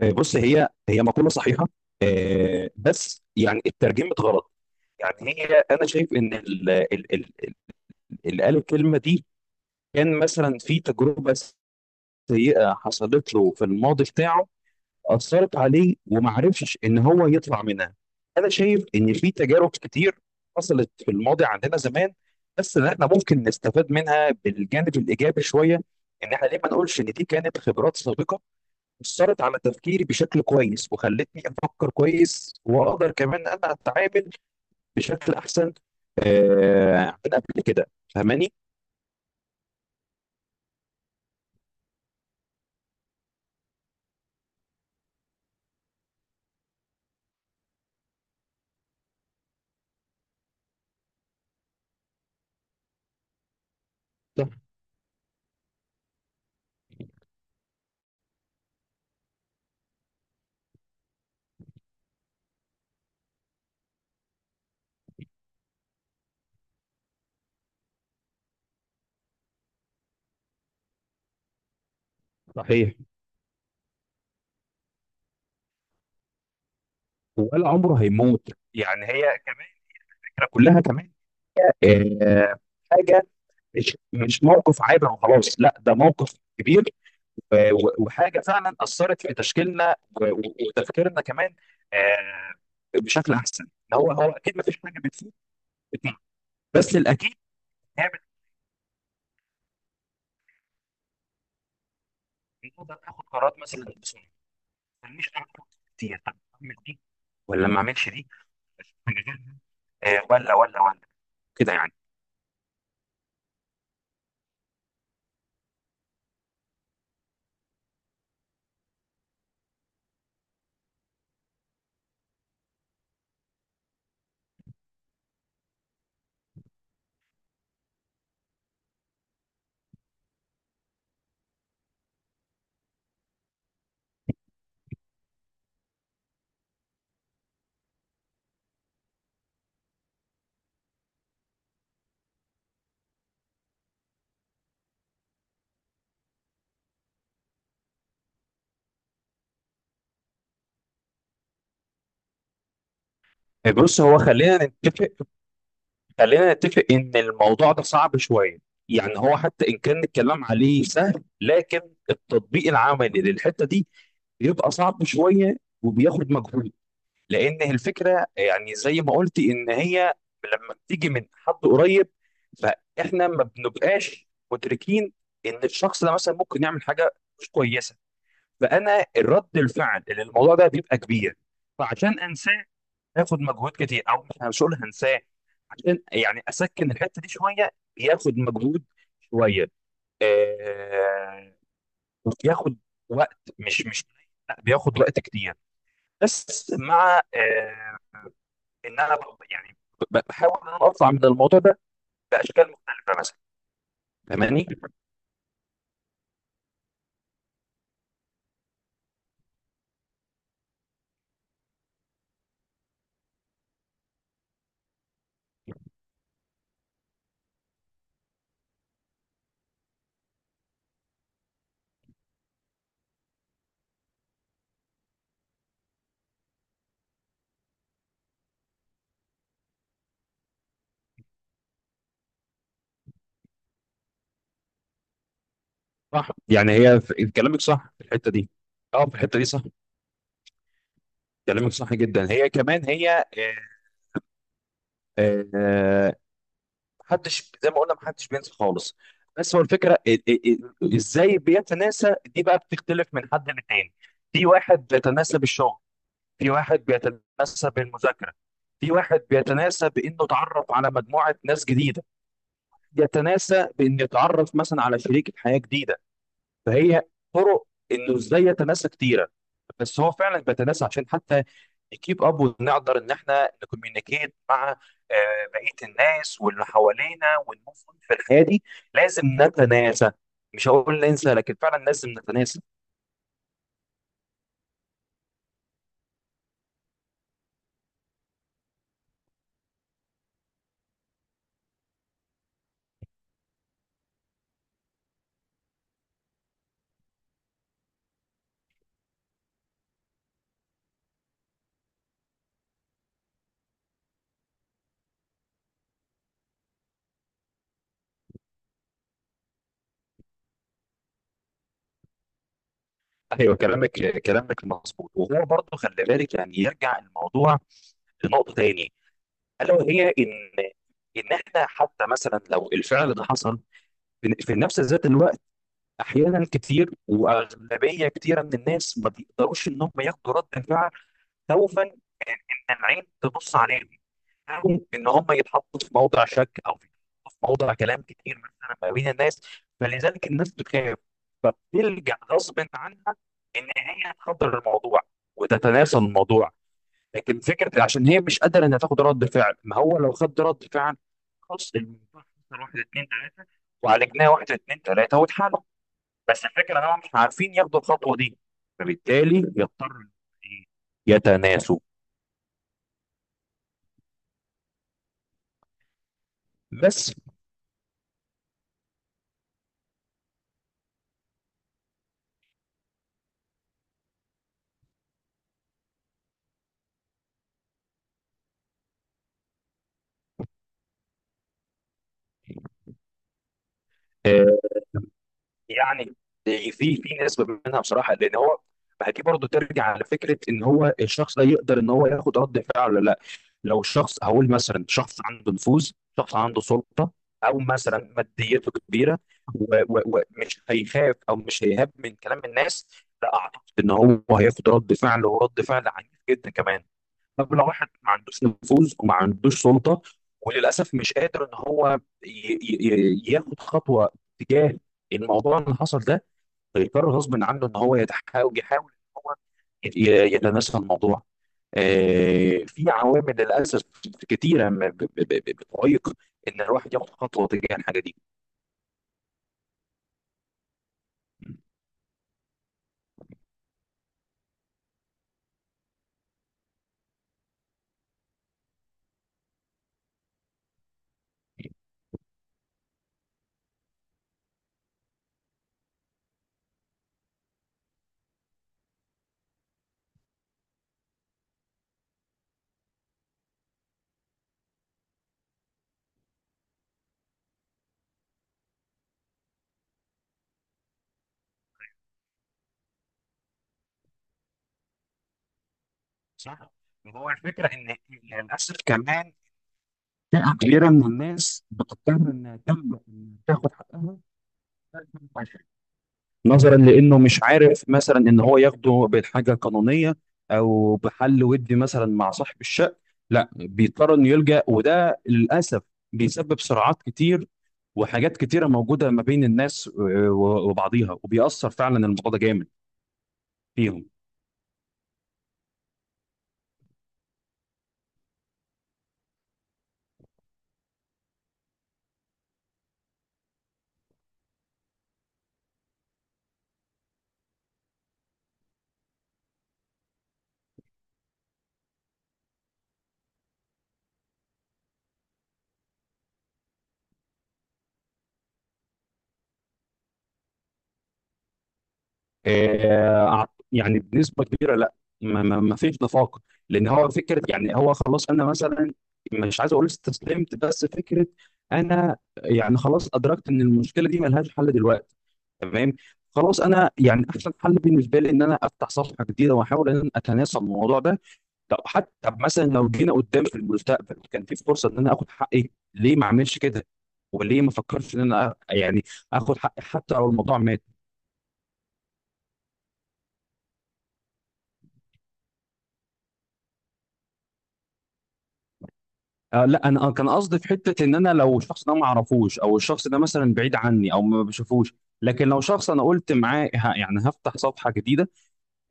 آه، بص هي مقولة صحيحة. آه، بس يعني اترجمت غلط. يعني هي انا شايف ان ال- اللي قال الكلمة دي كان مثلا في تجربة سيئة حصلت له في الماضي بتاعه، أثرت عليه وما عرفش ان هو يطلع منها. انا شايف ان في تجارب كتير حصلت في الماضي عندنا زمان، بس ان احنا ممكن نستفاد منها بالجانب الإيجابي شوية. ان احنا ليه ما نقولش ان دي كانت خبرات سابقة أثرت على تفكيري بشكل كويس وخلتني أفكر كويس وأقدر كمان أنا أتعامل بشكل أحسن من قبل كده. فاهماني؟ صح. صحيح. ولا عمره هيموت. يعني هي كمان الفكرة كلها كمان، آه، حاجة مش موقف عابر وخلاص. لا، ده موقف كبير، آه، و- وحاجة فعلا أثرت في تشكيلنا و- و- وتفكيرنا كمان، آه، بشكل أحسن. هو أكيد ما فيش حاجة بتفيد بتنفع. بس الأكيد هي نقدر ناخد قرارات مثلا بسرعه ما تخلينيش اعمل كتير. طب اعمل دي ولا ما اعملش دي؟ أشوف حاجة غيرها؟ ولا ولا ولا كده يعني. آه، بص هو خلينا نتفق. خلينا نتفق ان الموضوع ده صعب شويه. يعني هو حتى ان كان الكلام عليه سهل، لكن التطبيق العملي للحته دي بيبقى صعب شويه وبياخد مجهود. لان الفكره يعني زي ما قلت ان هي لما بتيجي من حد قريب، فاحنا ما بنبقاش مدركين ان الشخص ده مثلا ممكن يعمل حاجه مش كويسه. فانا الرد الفعل اللي الموضوع ده بيبقى كبير. فعشان انساه هاخد مجهود كتير، او مش هقول هنساه، عشان يعني اسكن الحته دي شويه. بياخد مجهود شويه. آه بياخد وقت مش، لا بياخد وقت كتير. بس مع ان انا يعني بحاول ان انا اطلع من الموضوع ده باشكال مختلفه مثلا. فاهماني؟ صح. يعني هي كلامك صح في الحته دي. اه، في الحته دي صح. كلامك صح جدا. هي كمان هي آه، آه، آه، محدش زي ما قلنا محدش بينسى خالص. بس هو الفكره ازاي بيتناسى دي بقى بتختلف من حد للتاني. في واحد بيتناسى بالشغل، في واحد بيتناسى بالمذاكره، في واحد بيتناسى بانه اتعرف على مجموعه ناس جديده، يتناسى بأن يتعرف مثلا على شريكة حياة جديدة. فهي طرق إنه إزاي يتناسى كتيرة. بس هو فعلا بيتناسى عشان حتى نكيب أب ونقدر إن إحنا نكوميونيكيت مع بقية الناس واللي حوالينا ونموف في الحياة دي. لازم نتناسى. مش هقول ننسى، لكن فعلا لازم نتناسى. ايوه، كلامك. كلامك مظبوط، وهو برضه خلي بالك يعني يرجع الموضوع لنقطه تاني. الا وهي ان احنا حتى مثلا لو الفعل ده حصل في نفس ذات الوقت، احيانا كتير واغلبيه كتيره من الناس ما بيقدروا ان هم ياخدوا رد فعل، خوفا ان العين تبص عليهم، أو ان هم يتحطوا في موضع شك او في موضع كلام كتير مثلا ما بين الناس. فلذلك الناس بتخاف، فبتلجأ غصب عنها ان هي تحضر الموضوع وتتناسى الموضوع. لكن فكره عشان هي مش قادره انها تاخد رد فعل. ما هو لو خد رد فعل، خلاص الموضوع خسر واحد اتنين تلاته، وعالجناه واحد اتنين تلاته واتحل. بس الفكره ان هم مش عارفين ياخدوا الخطوه دي، فبالتالي يضطروا إن إيه؟ يتناسوا. بس آه يعني في نسبه منها بصراحه لان هو، ما هي دي برضه ترجع على فكره ان هو الشخص ده يقدر ان هو ياخد رد فعل ولا. لو الشخص هقول مثلا شخص عنده نفوذ، شخص عنده سلطه، او مثلا ماديته كبيره و- و- ومش هيخاف او مش هيهاب من كلام الناس، لا اعتقد ان هو هياخد رد فعل، ورد فعل عنيف جدا كمان. طب لو واحد ما عندوش نفوذ وما عندوش سلطه، وللاسف مش قادر ان هو ي- ي- ياخد خطوه تجاه الموضوع اللي حصل ده، هيضطر غصب عنه ان هو يتحاول يحاول ان هو يتناسى الموضوع. في عوامل للاسف كتيره بتعيق ان الواحد ياخد خطوه تجاه الحاجه دي. صح. هو الفكره ان للاسف كمان فئه كبيره من الناس بتضطر انها تلجأ إنها تاخد حقها، نظرا لانه مش عارف مثلا ان هو ياخده بالحاجه القانونيه او بحل ودي مثلا مع صاحب الشقه. لا بيضطر انه يلجأ، وده للاسف بيسبب صراعات كتير وحاجات كتيره موجوده ما بين الناس وبعضيها، وبيأثر فعلا الموضوع ده جامد فيهم. يعني بنسبه كبيره لا. ما فيش نفاق. لان هو فكره، يعني هو خلاص، انا مثلا مش عايز اقول استسلمت، بس فكره، انا يعني خلاص ادركت ان المشكله دي ملهاش حل دلوقتي. تمام. خلاص انا يعني احسن حل بالنسبه لي ان انا افتح صفحه جديده واحاول ان انا اتناسب الموضوع ده. طب حتى مثلا لو جينا قدام في المستقبل كان في فرصه ان انا اخد حقي، ليه ما اعملش كده؟ وليه ما فكرتش ان انا يعني اخد حقي حتى لو الموضوع مات؟ آه لا، انا كان قصدي في حته ان انا لو الشخص ده ما اعرفوش، او الشخص ده مثلا بعيد عني او ما بشوفوش. لكن لو شخص انا قلت معاه يعني هفتح صفحه جديده،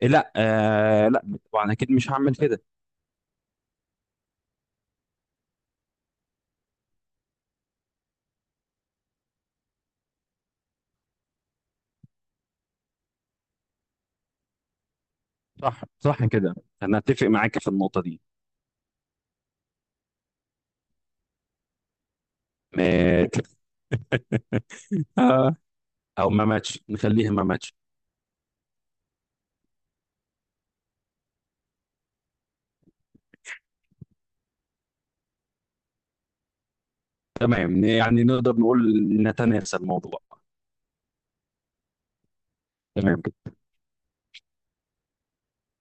آه لا، آه لا، طبعا اكيد مش هعمل كده. صح، صح كده. انا اتفق معاك في النقطه دي. مات. آه، او ما ماتش، نخليها ما ماتش. تمام، يعني نقدر نقول نتناسى الموضوع. تمام.